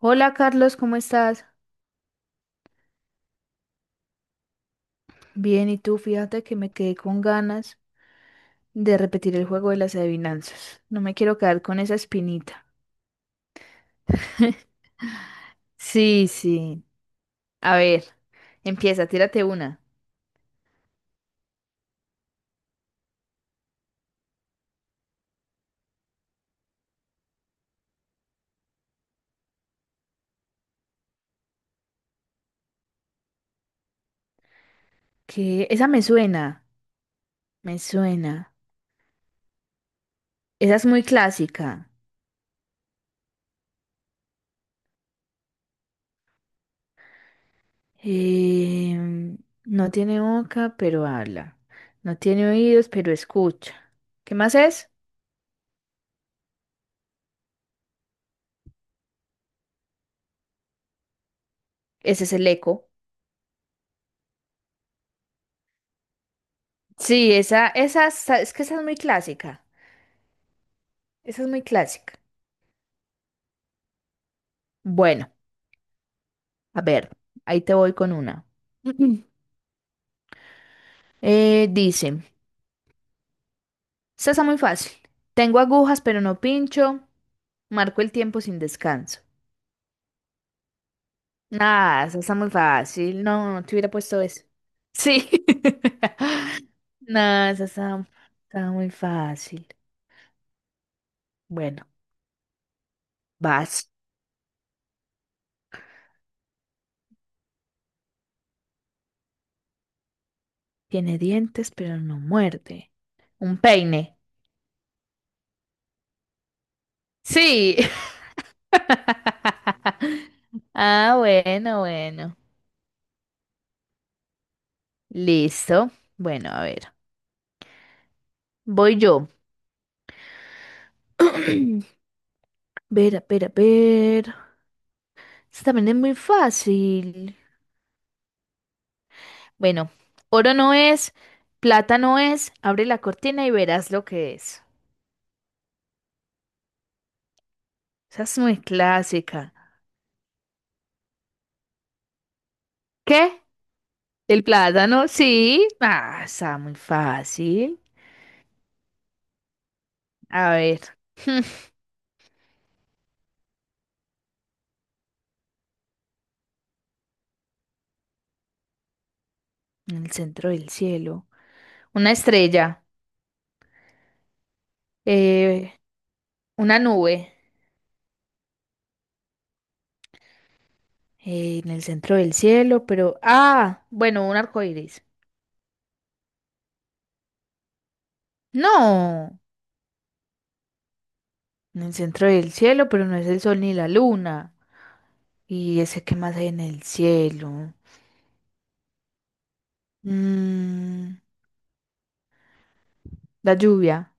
Hola Carlos, ¿cómo estás? Bien, ¿y tú? Fíjate que me quedé con ganas de repetir el juego de las adivinanzas. No me quiero quedar con esa espinita. Sí, sí. A ver, empieza, tírate una. Que esa me suena, me suena. Esa es muy clásica. Em, no tiene boca, pero habla. No tiene oídos, pero escucha. ¿Qué más es? Ese es el eco. Sí, esa, es que esa es muy clásica. Esa es muy clásica. Bueno. A ver, ahí te voy con una. Dice, esta está muy fácil. Tengo agujas pero no pincho, marco el tiempo sin descanso. Nada, esa está muy fácil. No, no te hubiera puesto eso. Sí. Nada, esa está, está muy fácil. Bueno, vas. Tiene dientes pero no muerde. Un peine. Sí. Ah, bueno, bueno. Listo. Bueno, a ver. Voy yo. Ver, a ver, a ver. Esta también es muy fácil. Bueno, oro no es, plata no es. Abre la cortina y verás lo que es. Esa es muy clásica. ¿Qué? ¿El plátano? Sí. Ah, está muy fácil. A ver, en el centro del cielo. Una estrella. eh, una nube. En el centro del cielo, pero. Ah, bueno, un arco iris. No. En el centro del cielo, pero no es el sol ni la luna. ¿Y ese qué más hay en el cielo? Mm, la lluvia.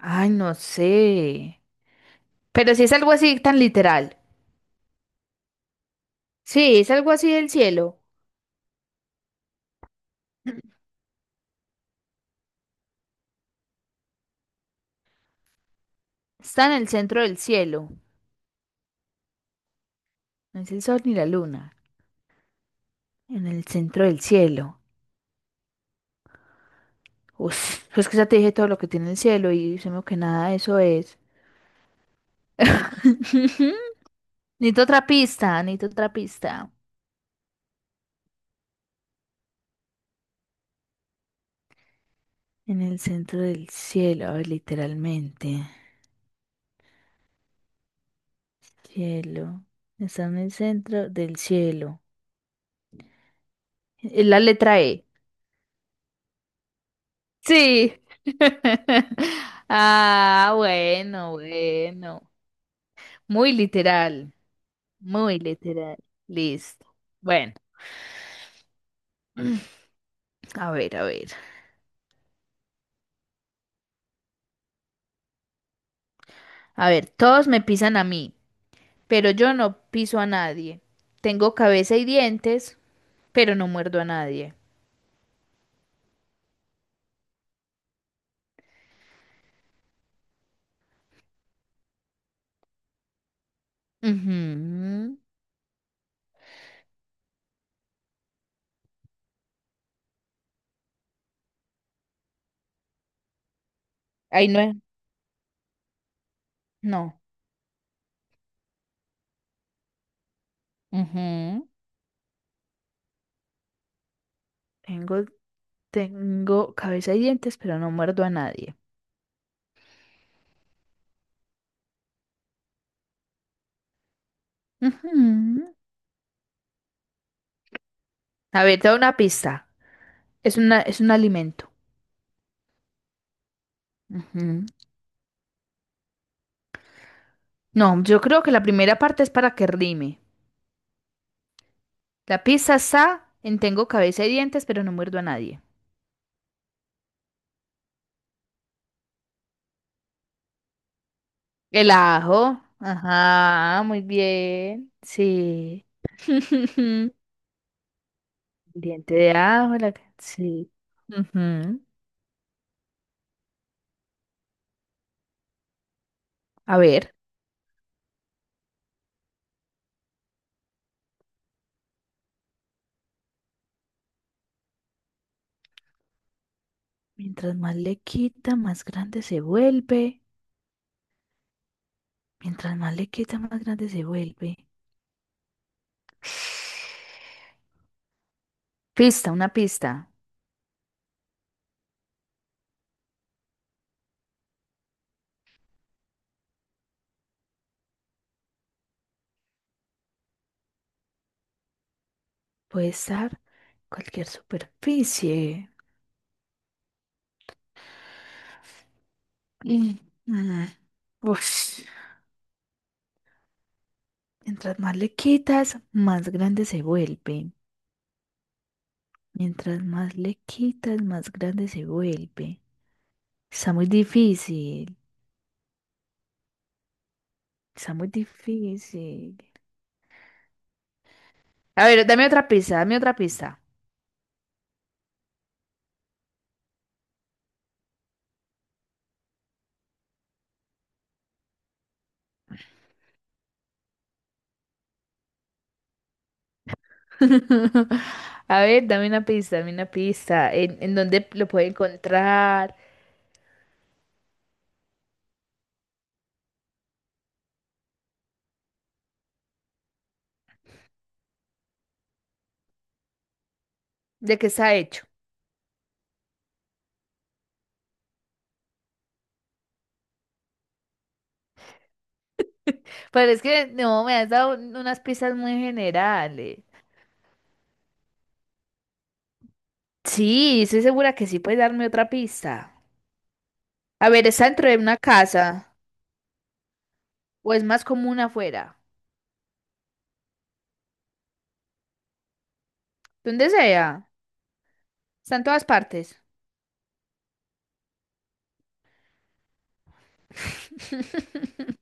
Ay, no sé. Pero si es algo así tan literal. Sí, es algo así del cielo. Está en el centro del cielo. No es el sol ni la luna. En el centro del cielo. Uf, es que ya te dije todo lo que tiene el cielo y se me que nada eso es. Necesito otra pista, necesito otra pista. En el centro del cielo, a ver, literalmente. Cielo. Está en el centro del cielo. Es la letra E. Sí. Ah, bueno, bueno. Muy literal, muy literal. Listo. Bueno, a ver, a ver. A ver, todos me pisan a mí, pero yo no piso a nadie. Tengo cabeza y dientes, pero no muerdo a nadie. Ujú. Ahí no es. No. Ujú. Tengo, tengo cabeza y dientes, pero no muerdo a nadie. Ujú. A ver, te doy una pista. Es un alimento. Ujú. No, yo creo que la primera parte es para que rime. La pizza está en tengo cabeza y dientes, pero no muerdo a nadie. El ajo. Ajá, muy bien. Sí. Diente de ajo. Sí. Ujú. A ver. Mientras más le quita, más grande se vuelve. Mientras más le quita, más grande se vuelve. Pista, una pista. Puede estar cualquier superficie. Mm, mm, ush. Mientras más le quitas, más grande se vuelve. Mientras más le quitas, más grande se vuelve. Está muy difícil. Está muy difícil. A ver, dame otra pista, dame otra pista. A ver, dame una pista, dame una pista. ¿En dónde lo puedo encontrar? ¿De qué está hecho? Pero es que no, me has dado unas pistas muy generales. Sí, estoy segura que sí puedes darme otra pista. A ver, ¿está dentro de una casa o es más común afuera? Donde sea, está en todas partes.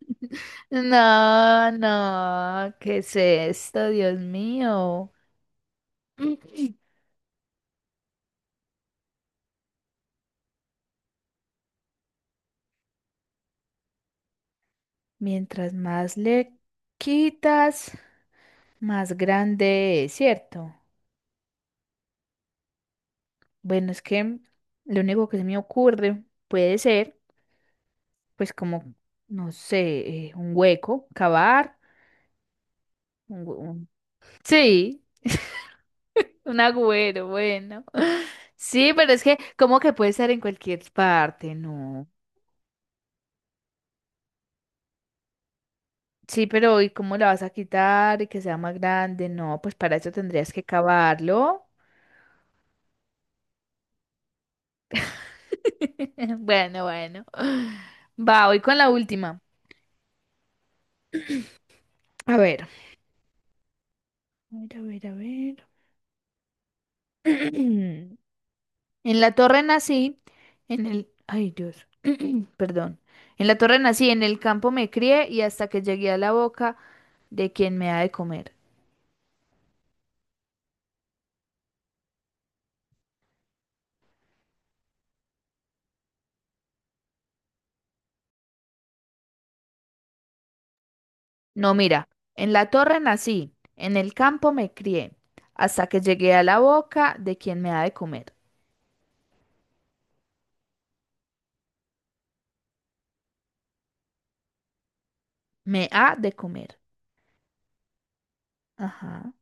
No, no, ¿qué es esto, Dios mío? Mm. Mientras más le quitas, más grande es, ¿cierto? Bueno, es que lo único que se me ocurre puede ser. Pues como, no sé, un hueco, cavar. un hue- un- Sí, un agüero, bueno. Sí, pero es que, ¿cómo que puede ser en cualquier parte? No. Sí, pero ¿y cómo la vas a quitar y que sea más grande? No, pues para eso tendrías que cavarlo. Bueno, bueno. Va, voy con la última. A ver. A ver, a ver, a ver. En la Torre nací, en el... Ay, Dios, perdón. En la Torre nací, en el campo me crié y hasta que llegué a la boca de quien me ha de comer. No, mira, en la Torre nací, en el campo me crié, hasta que llegué a la boca de quien me ha de comer. Me ha de comer. Ajá.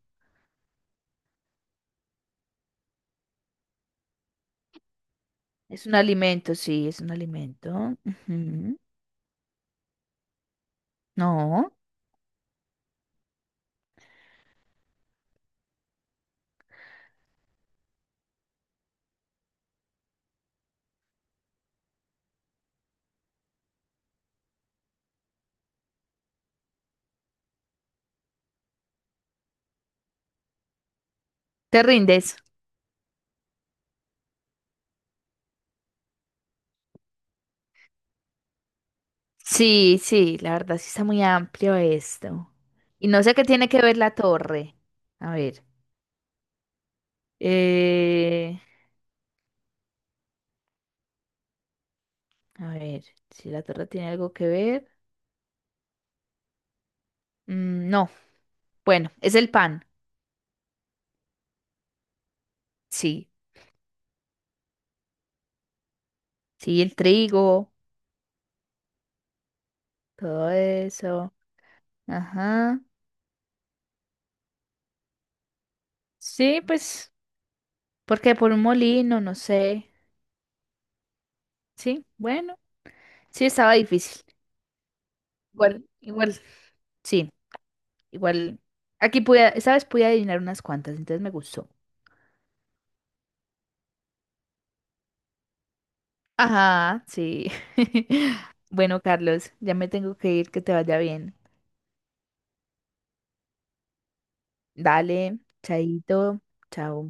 Es un alimento, sí, es un alimento. Ujú. No, te rindes. Sí, sí, la verdad sí está muy amplio esto. Y no sé qué tiene que ver la torre. A ver. eh, a ver, si la torre tiene algo que ver. Mm, no, bueno, es el pan. Sí, sí, el trigo, todo eso. Ajá. Sí, pues, porque por un molino, no sé. Sí, bueno, sí estaba difícil. Igual, igual, sí, igual. Aquí pude, esta vez pude adivinar unas cuantas, entonces me gustó. Ajá, sí. Bueno, Carlos, ya me tengo que ir, que te vaya bien. Dale, chaito, chao.